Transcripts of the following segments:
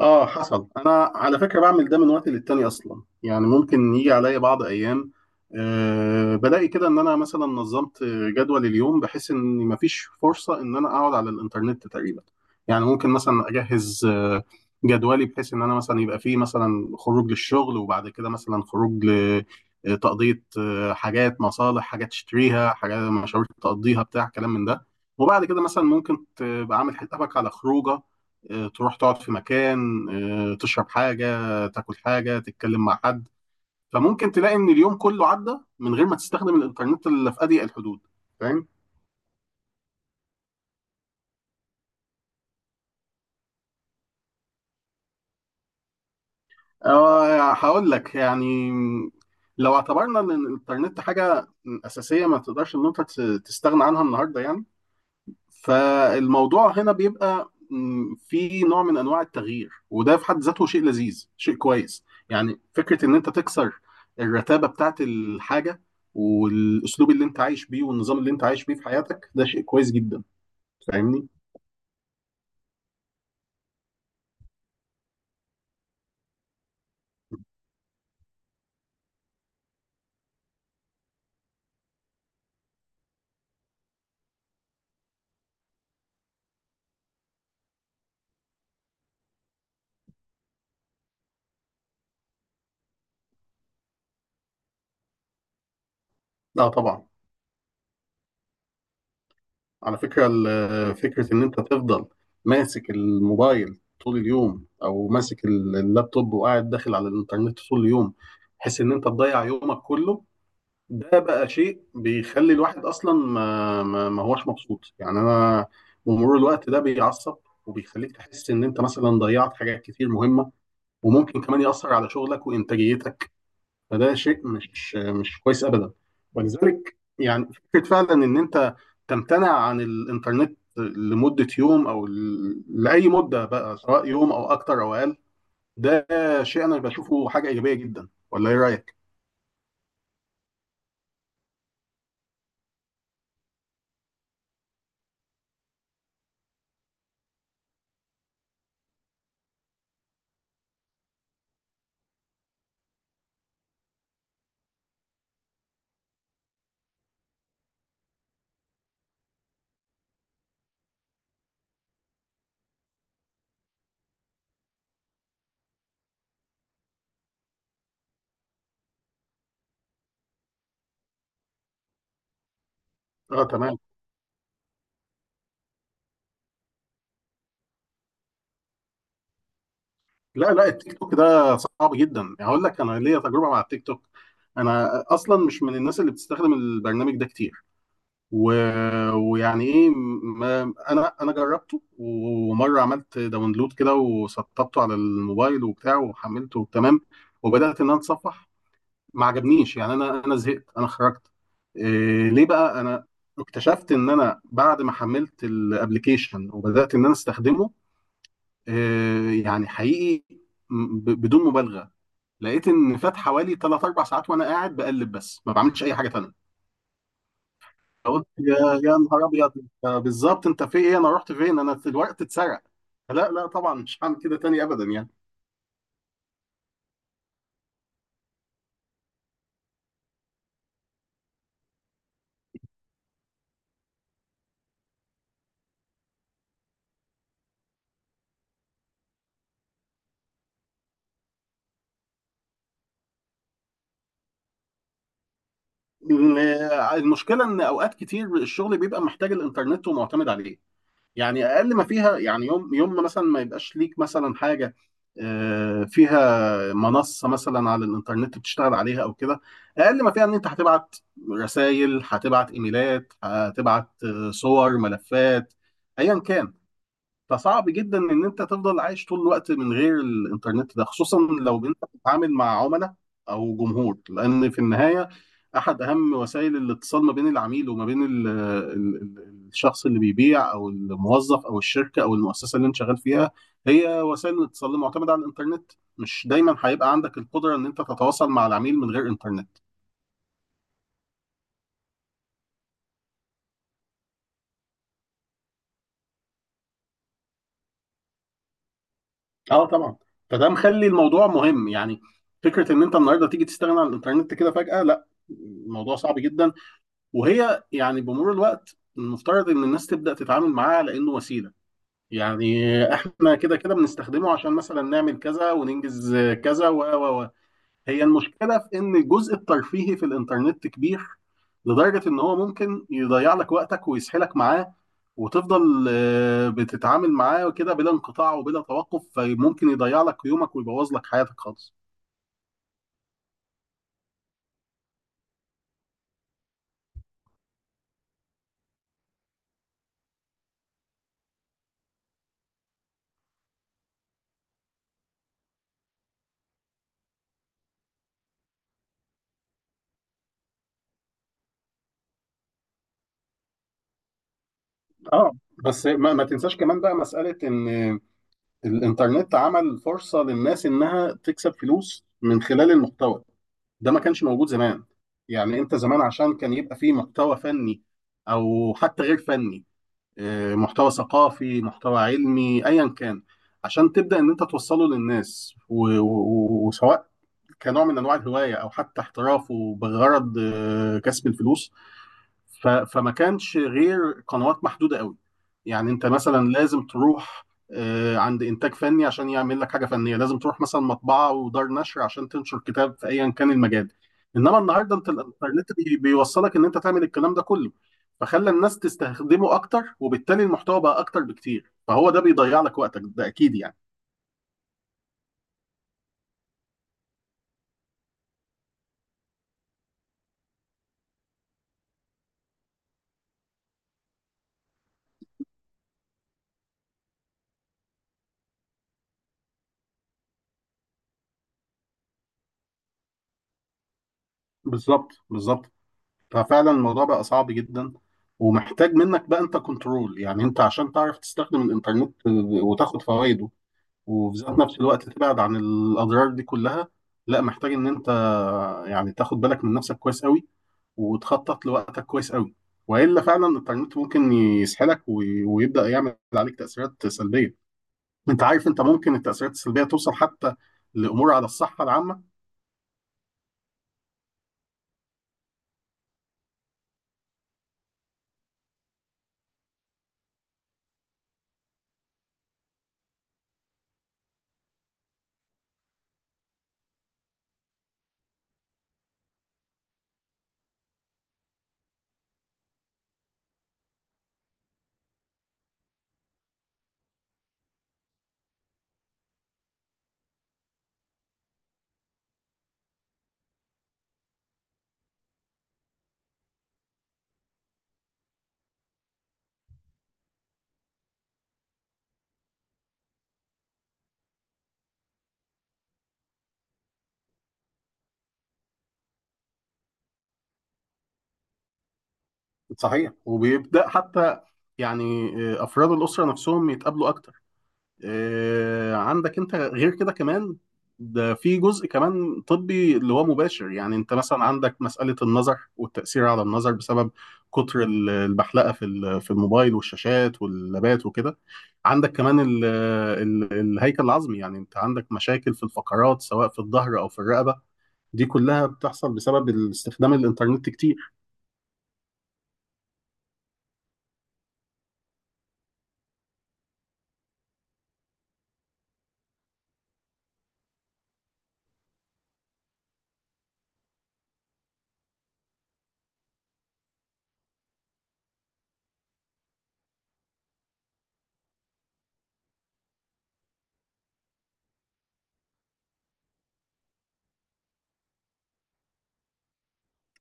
اه حصل، انا على فكره بعمل ده من وقت للتاني اصلا. يعني ممكن يجي عليا بعض ايام بلاقي كده ان انا مثلا نظمت جدول اليوم بحيث ان مفيش فرصه ان انا اقعد على الانترنت تقريبا. يعني ممكن مثلا اجهز جدولي بحيث ان انا مثلا يبقى فيه مثلا خروج للشغل، وبعد كده مثلا خروج لتقضيه حاجات، مصالح، حاجات تشتريها، حاجات مشاوير تقضيها، بتاع كلام من ده. وبعد كده مثلا ممكن تبقى عامل حسابك على خروجه، تروح تقعد في مكان، تشرب حاجة، تاكل حاجة، تتكلم مع حد. فممكن تلاقي ان اليوم كله عدى من غير ما تستخدم الانترنت الا في اضيق الحدود. فاهم؟ هقول لك يعني، لو اعتبرنا ان الانترنت حاجة أساسية ما تقدرش ان انت تستغنى عنها النهاردة يعني، فالموضوع هنا بيبقى في نوع من انواع التغيير، وده في حد ذاته شيء لذيذ، شيء كويس. يعني فكره ان انت تكسر الرتابه بتاعت الحاجه والاسلوب اللي انت عايش بيه والنظام اللي انت عايش بيه في حياتك، ده شيء كويس جدا. فاهمني؟ لا طبعا. على فكره فكره ان انت تفضل ماسك الموبايل طول اليوم، او ماسك اللابتوب وقاعد داخل على الانترنت طول اليوم بحيث ان انت تضيع يومك كله، ده بقى شيء بيخلي الواحد اصلا ما هوش مبسوط. يعني انا بمرور الوقت ده بيعصب وبيخليك تحس ان انت مثلا ضيعت حاجات كتير مهمه، وممكن كمان ياثر على شغلك وانتاجيتك. فده شيء مش كويس ابدا. ولذلك يعني فكره فعلا ان انت تمتنع عن الانترنت لمده يوم او لاي مده بقى، سواء يوم او اكتر او اقل، ده شيء انا بشوفه حاجه ايجابيه جدا. ولا ايه رايك؟ اه تمام. لا لا، التيك توك ده صعب جدا. يعني هقول لك، انا ليا تجربه مع التيك توك، انا اصلا مش من الناس اللي بتستخدم البرنامج ده كتير. و... ويعني ايه، ما... انا جربته، ومره عملت داونلود كده وسطبته على الموبايل وبتاع وحملته تمام، وبدات ان انا اتصفح. ما عجبنيش يعني، انا زهقت، انا خرجت. إيه ليه بقى؟ انا اكتشفت ان انا بعد ما حملت الابليكيشن وبدات ان انا استخدمه، إيه يعني، حقيقي بدون مبالغه لقيت ان فات حوالي 3 4 ساعات وانا قاعد بقلب بس، ما بعملش اي حاجه تانية. فقلت يا نهار ابيض، أنت بالظبط انت في ايه، انا رحت فين، انا في الوقت اتسرق. لا لا طبعا، مش هعمل كده تاني ابدا يعني. ال- المشكله ان اوقات كتير الشغل بيبقى محتاج الانترنت ومعتمد عليه. يعني اقل ما فيها، يعني يوم، يوم ما مثلا ما يبقاش ليك مثلا حاجه فيها منصه مثلا على الانترنت بتشتغل عليها او كده، اقل ما فيها ان انت هتبعت رسائل، هتبعت ايميلات، هتبعت صور، ملفات، ايا كان. فصعب جدا ان انت تفضل عايش طول الوقت من غير الانترنت ده، خصوصا لو انت بتتعامل مع عملاء او جمهور، لان في النهايه احد اهم وسائل الاتصال ما بين العميل وما بين ال الشخص اللي بيبيع او الموظف او الشركه او المؤسسه اللي انت شغال فيها، هي وسائل الاتصال اللي معتمده على الانترنت. مش دايما هيبقى عندك القدره ان انت تتواصل مع العميل من غير انترنت. اه طبعا، فده مخلي الموضوع مهم يعني. فكره ان انت النهارده تيجي تستغنى عن الانترنت كده فجاه، لا الموضوع صعب جدا. وهي يعني بمرور الوقت المفترض ان الناس تبدا تتعامل معاه على انه وسيله يعني. احنا كده كده بنستخدمه عشان مثلا نعمل كذا وننجز كذا و هي المشكله في ان الجزء الترفيهي في الانترنت كبير لدرجه ان هو ممكن يضيع لك وقتك ويسحلك معاه، وتفضل بتتعامل معاه كده بلا انقطاع وبلا توقف، فممكن يضيع لك يومك ويبوظ لك حياتك خالص. اه بس ما تنساش كمان بقى مساله ان الانترنت عمل فرصة للناس انها تكسب فلوس من خلال المحتوى. ده ما كانش موجود زمان. يعني انت زمان عشان كان يبقى فيه محتوى فني او حتى غير فني، محتوى ثقافي، محتوى علمي، ايا كان، عشان تبدأ ان انت توصله للناس، وسواء كنوع من انواع الهواية او حتى احترافه بغرض كسب الفلوس، فما كانش غير قنوات محدودة قوي. يعني انت مثلا لازم تروح عند انتاج فني عشان يعمل لك حاجة فنية، لازم تروح مثلا مطبعة ودار نشر عشان تنشر كتاب في ايا كان المجال. انما النهارده انت الانترنت بيوصلك ان انت تعمل الكلام ده كله. فخلى الناس تستخدمه اكتر وبالتالي المحتوى بقى اكتر بكتير فهو ده بيضيع لك وقتك ده اكيد يعني بالظبط بالظبط. ففعلا الموضوع بقى صعب جدا، ومحتاج منك بقى انت كنترول. يعني انت عشان تعرف تستخدم الانترنت وتاخد فوائده وفي ذات نفس الوقت تبعد عن الاضرار دي كلها، لا محتاج ان انت يعني تاخد بالك من نفسك كويس قوي، وتخطط لوقتك كويس قوي، والا فعلا الانترنت ممكن يسحلك ويبدا يعمل عليك تاثيرات سلبيه. انت عارف، انت ممكن التاثيرات السلبيه توصل حتى لامور على الصحه العامه. صحيح، وبيبدا حتى يعني افراد الاسره نفسهم يتقابلوا. عندك انت غير كده كمان، ده في جزء كمان طبي اللي هو مباشر. يعني انت مثلا عندك مسألة النظر والتأثير على النظر بسبب كتر البحلقة في في الموبايل والشاشات واللابات وكده. عندك كمان ال الهيكل العظمي، يعني انت عندك مشاكل في الفقرات سواء في الظهر او في الرقبة، دي كلها بتحصل بسبب استخدام الانترنت كتير.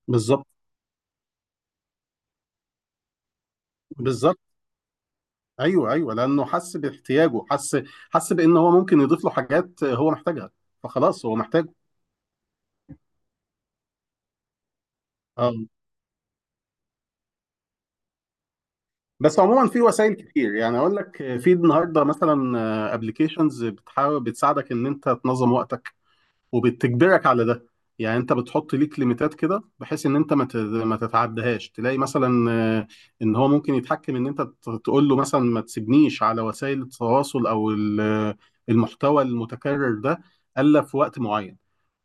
بالظبط بالظبط. ايوه ايوه، لانه حس باحتياجه، حس، حس بان هو ممكن يضيف له حاجات هو محتاجها، فخلاص هو محتاجه. اه. بس عموما في وسائل كتير، يعني اقول لك في النهارده مثلا ابلكيشنز بتحاول بتساعدك ان انت تنظم وقتك وبتجبرك على ده. يعني انت بتحط ليك ليميتات كده بحيث ان انت ما تتعدهاش، تلاقي مثلا آه، ان هو ممكن يتحكم ان انت تقول له مثلا ما تسيبنيش على وسائل التواصل او المحتوى المتكرر ده الا في وقت معين.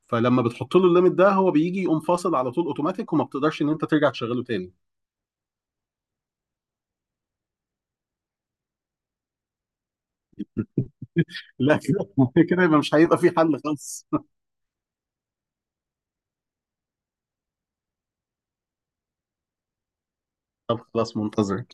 فلما بتحط له الليميت ده هو بيجي يقوم فاصل على طول اوتوماتيك، وما بتقدرش ان انت ترجع تشغله تاني. لا كده كده يبقى مش هيبقى في حل خالص. طب خلاص، منتظر.